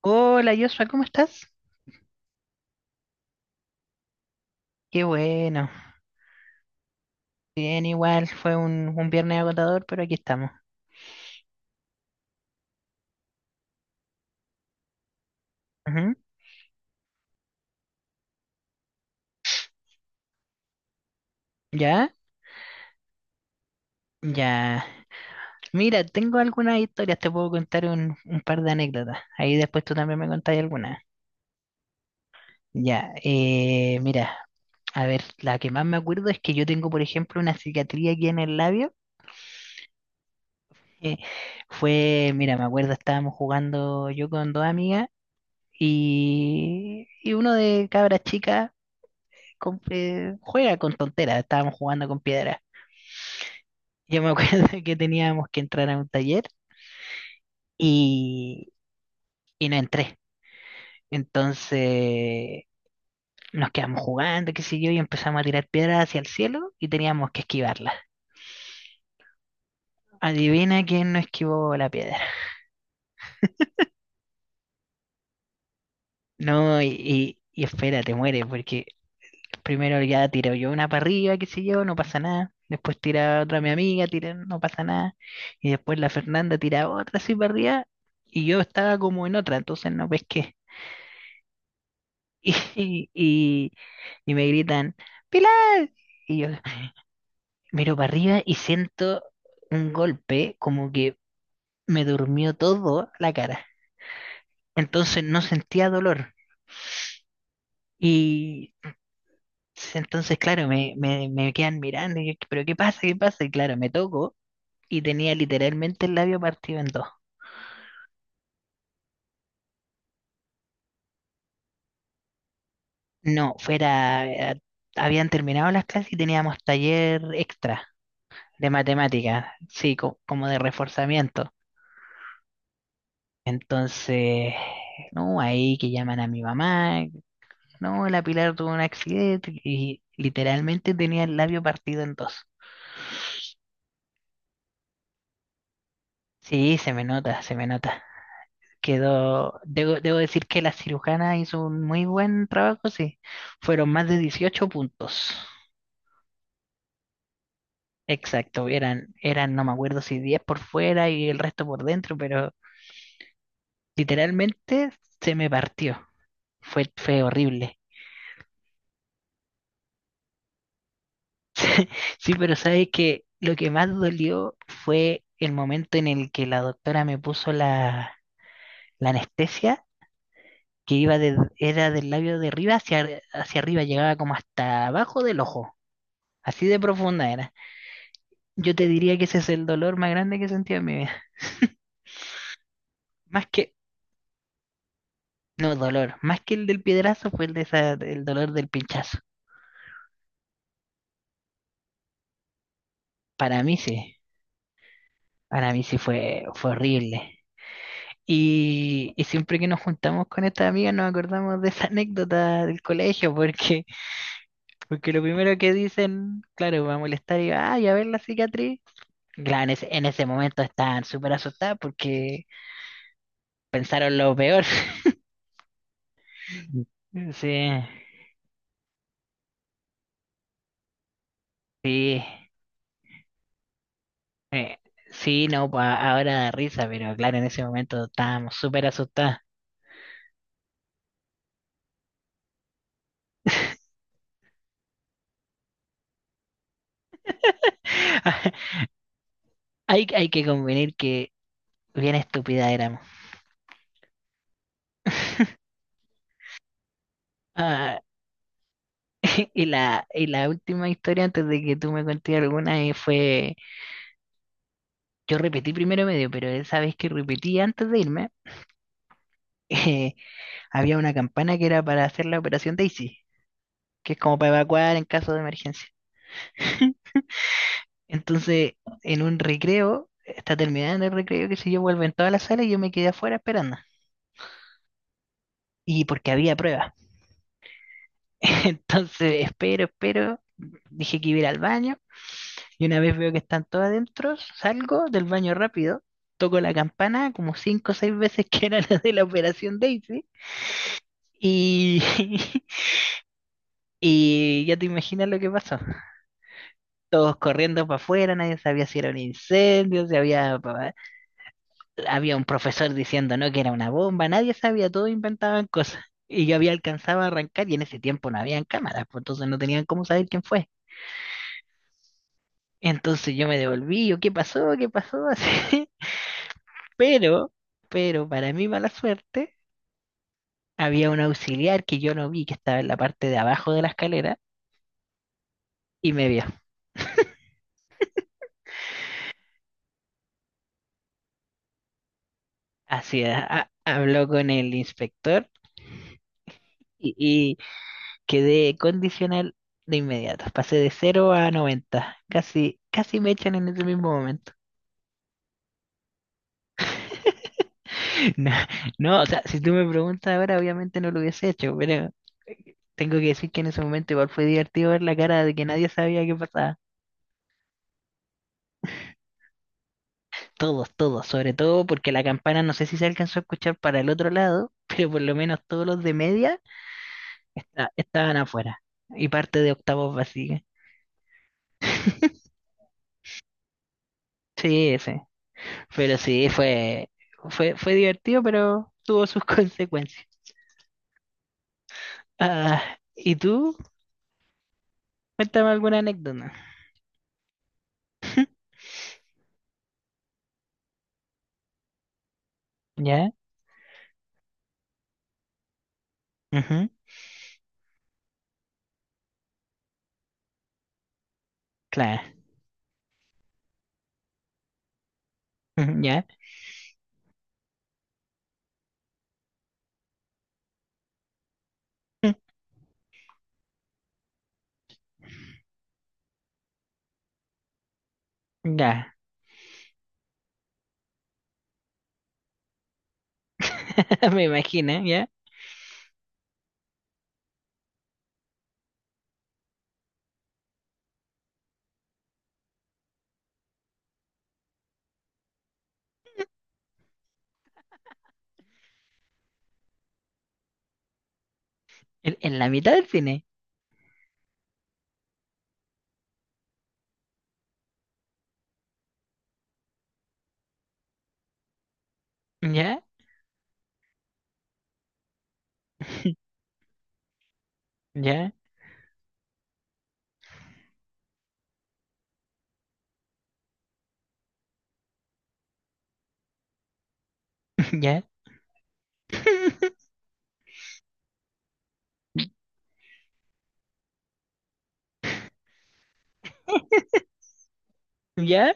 Hola Joshua, ¿cómo estás? Qué bueno. Bien, igual fue un viernes agotador, pero aquí estamos. Ujú. ¿Ya? Ya. Mira, tengo algunas historias, te puedo contar un par de anécdotas. Ahí después tú también me contás algunas. Ya, mira, a ver, la que más me acuerdo es que yo tengo, por ejemplo, una cicatriz aquí en el labio. Eh, Fue, mira, me acuerdo, estábamos jugando yo con dos amigas y uno de cabras chicas juega con tonteras, estábamos jugando con piedras. Yo me acuerdo que teníamos que entrar a un taller y, y no entré. Entonces nos quedamos jugando, qué sé yo, y empezamos a tirar piedras hacia el cielo y teníamos que esquivarlas. Adivina quién no esquivó la piedra. No, y espera, te mueres, porque primero ya tiro yo una para arriba, qué sé yo, no pasa nada. Después tira otra mi amiga, tira, no pasa nada. Y después la Fernanda tira otra así para arriba. Y yo estaba como en otra, entonces no pesqué. Y, y, y me gritan, ¡Pilar! Y yo miro para arriba y siento un golpe como que me durmió todo la cara. Entonces no sentía dolor. Y entonces, claro, me quedan mirando y yo, ¿pero qué pasa? ¿Qué pasa? Y claro, me toco y tenía literalmente el labio partido en dos. No, fuera, habían terminado las clases y teníamos taller extra de matemática, sí, como de reforzamiento. Entonces, no, ahí que llaman a mi mamá, no, la Pilar tuvo un accidente y literalmente tenía el labio partido en dos. Sí, se me nota, se me nota. Quedó, debo decir que la cirujana hizo un muy buen trabajo, sí. Fueron más de 18 puntos. Exacto, eran, no me acuerdo si 10 por fuera y el resto por dentro, pero literalmente se me partió. Fue horrible. Sí, pero sabes que lo que más dolió fue el momento en el que la doctora me puso la anestesia, que iba de, era del labio de arriba hacia, hacia arriba, llegaba como hasta abajo del ojo. Así de profunda era. Yo te diría que ese es el dolor más grande que he sentido en mi vida. Más que, no, dolor. Más que el del piedrazo fue el de esa, el dolor del pinchazo. Para mí sí. Para mí sí fue horrible. Y siempre que nos juntamos con estas amigas nos acordamos de esa anécdota del colegio, porque lo primero que dicen, claro, va a molestar y ay, a ver la cicatriz. Claro, en ese momento estaban súper asustadas porque pensaron lo peor. Sí, sí, sí, no, ahora da risa, pero claro, en ese momento estábamos súper asustadas. Hay que convenir que bien estúpida éramos. Ah, y la última historia antes de que tú me contes alguna, fue, yo repetí primero medio, pero esa vez que repetí antes de irme, eh, había una campana que era para hacer la operación Daisy, que es como para evacuar en caso de emergencia. Entonces, en un recreo, está terminando el recreo, que si yo, vuelvo en toda la sala y yo me quedé afuera esperando. Y porque había pruebas. Entonces, espero, espero. Dije que iba a ir al baño. Y una vez veo que están todos adentro, salgo del baño rápido, toco la campana como cinco o seis veces que era la de la operación Daisy. Y, y ya te imaginas lo que pasó. Todos corriendo para afuera, nadie sabía si era un incendio, si había, había un profesor diciendo no que era una bomba, nadie sabía, todos inventaban cosas. Y yo había alcanzado a arrancar y en ese tiempo no habían cámaras, pues entonces no tenían cómo saber quién fue. Entonces yo me devolví, yo, ¿qué pasó? ¿Qué pasó? Así. Pero, pero para mi mala suerte, había un auxiliar que yo no vi, que estaba en la parte de abajo de la escalera, y me vio. Así, habló con el inspector y quedé condicional de inmediato. Pasé de 0 a 90. Casi, casi me echan en ese mismo momento. No, no, o sea, si tú me preguntas ahora, obviamente no lo hubiese hecho, pero tengo que decir que en ese momento igual fue divertido ver la cara de que nadie sabía qué pasaba. Todos, todos, sobre todo porque la campana no sé si se alcanzó a escuchar para el otro lado, pero por lo menos todos los de media estaban afuera y parte de octavos vacía. Sí, sí, pero sí, fue, fue divertido, pero tuvo sus consecuencias. Ah, ¿y tú? Cuéntame alguna anécdota. ¿Ya? Ujú, claro. Ujú, ¿ya? Ya. Me imagino, ¿ya? En la mitad del cine. ¿Ya? ¿Ya? ¿Ya? ¿Ya?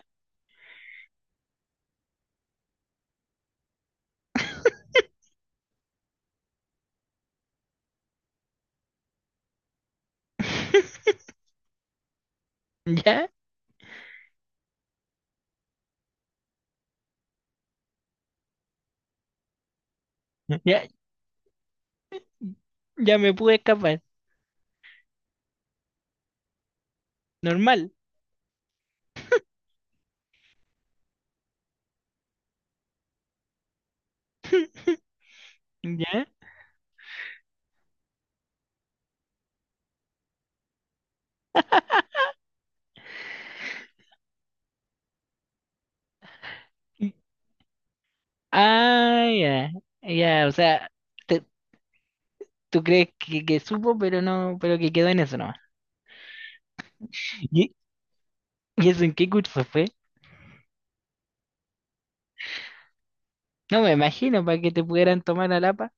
¿Ya? Ya, ya me pude escapar. Normal. ¿Ya? Ah, ya. Ya, o sea, te- tú crees que, supo, pero no, pero que quedó en eso nomás. ¿Y, y eso en qué curso fue? No me imagino para que te pudieran tomar a Lapa.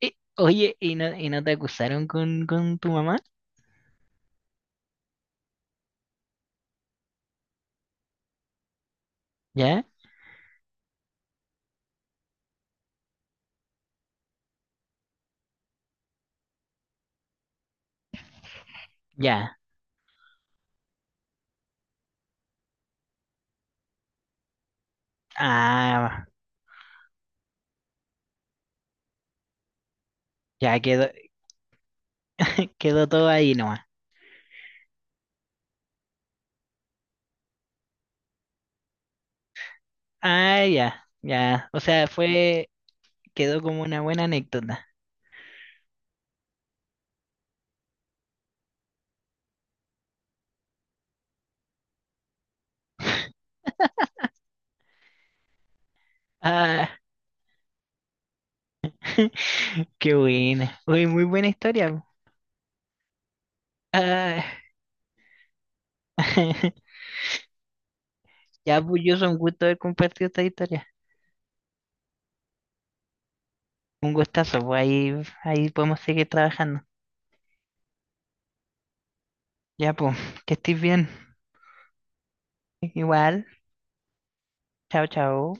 Oye, ¿y no te acusaron con tu mamá? ¿Ya? Ya. Ah, ya quedó, quedó todo ahí nomás. Ah, ya, ya. O sea, fue, quedó como una buena anécdota. Ah, qué buena. Oye, muy buena historia. Ah, ya, pues yo un gusto haber compartido esta historia. Un gustazo, pues ahí podemos seguir trabajando. Ya, pues, que estés bien. Igual, chao, chao.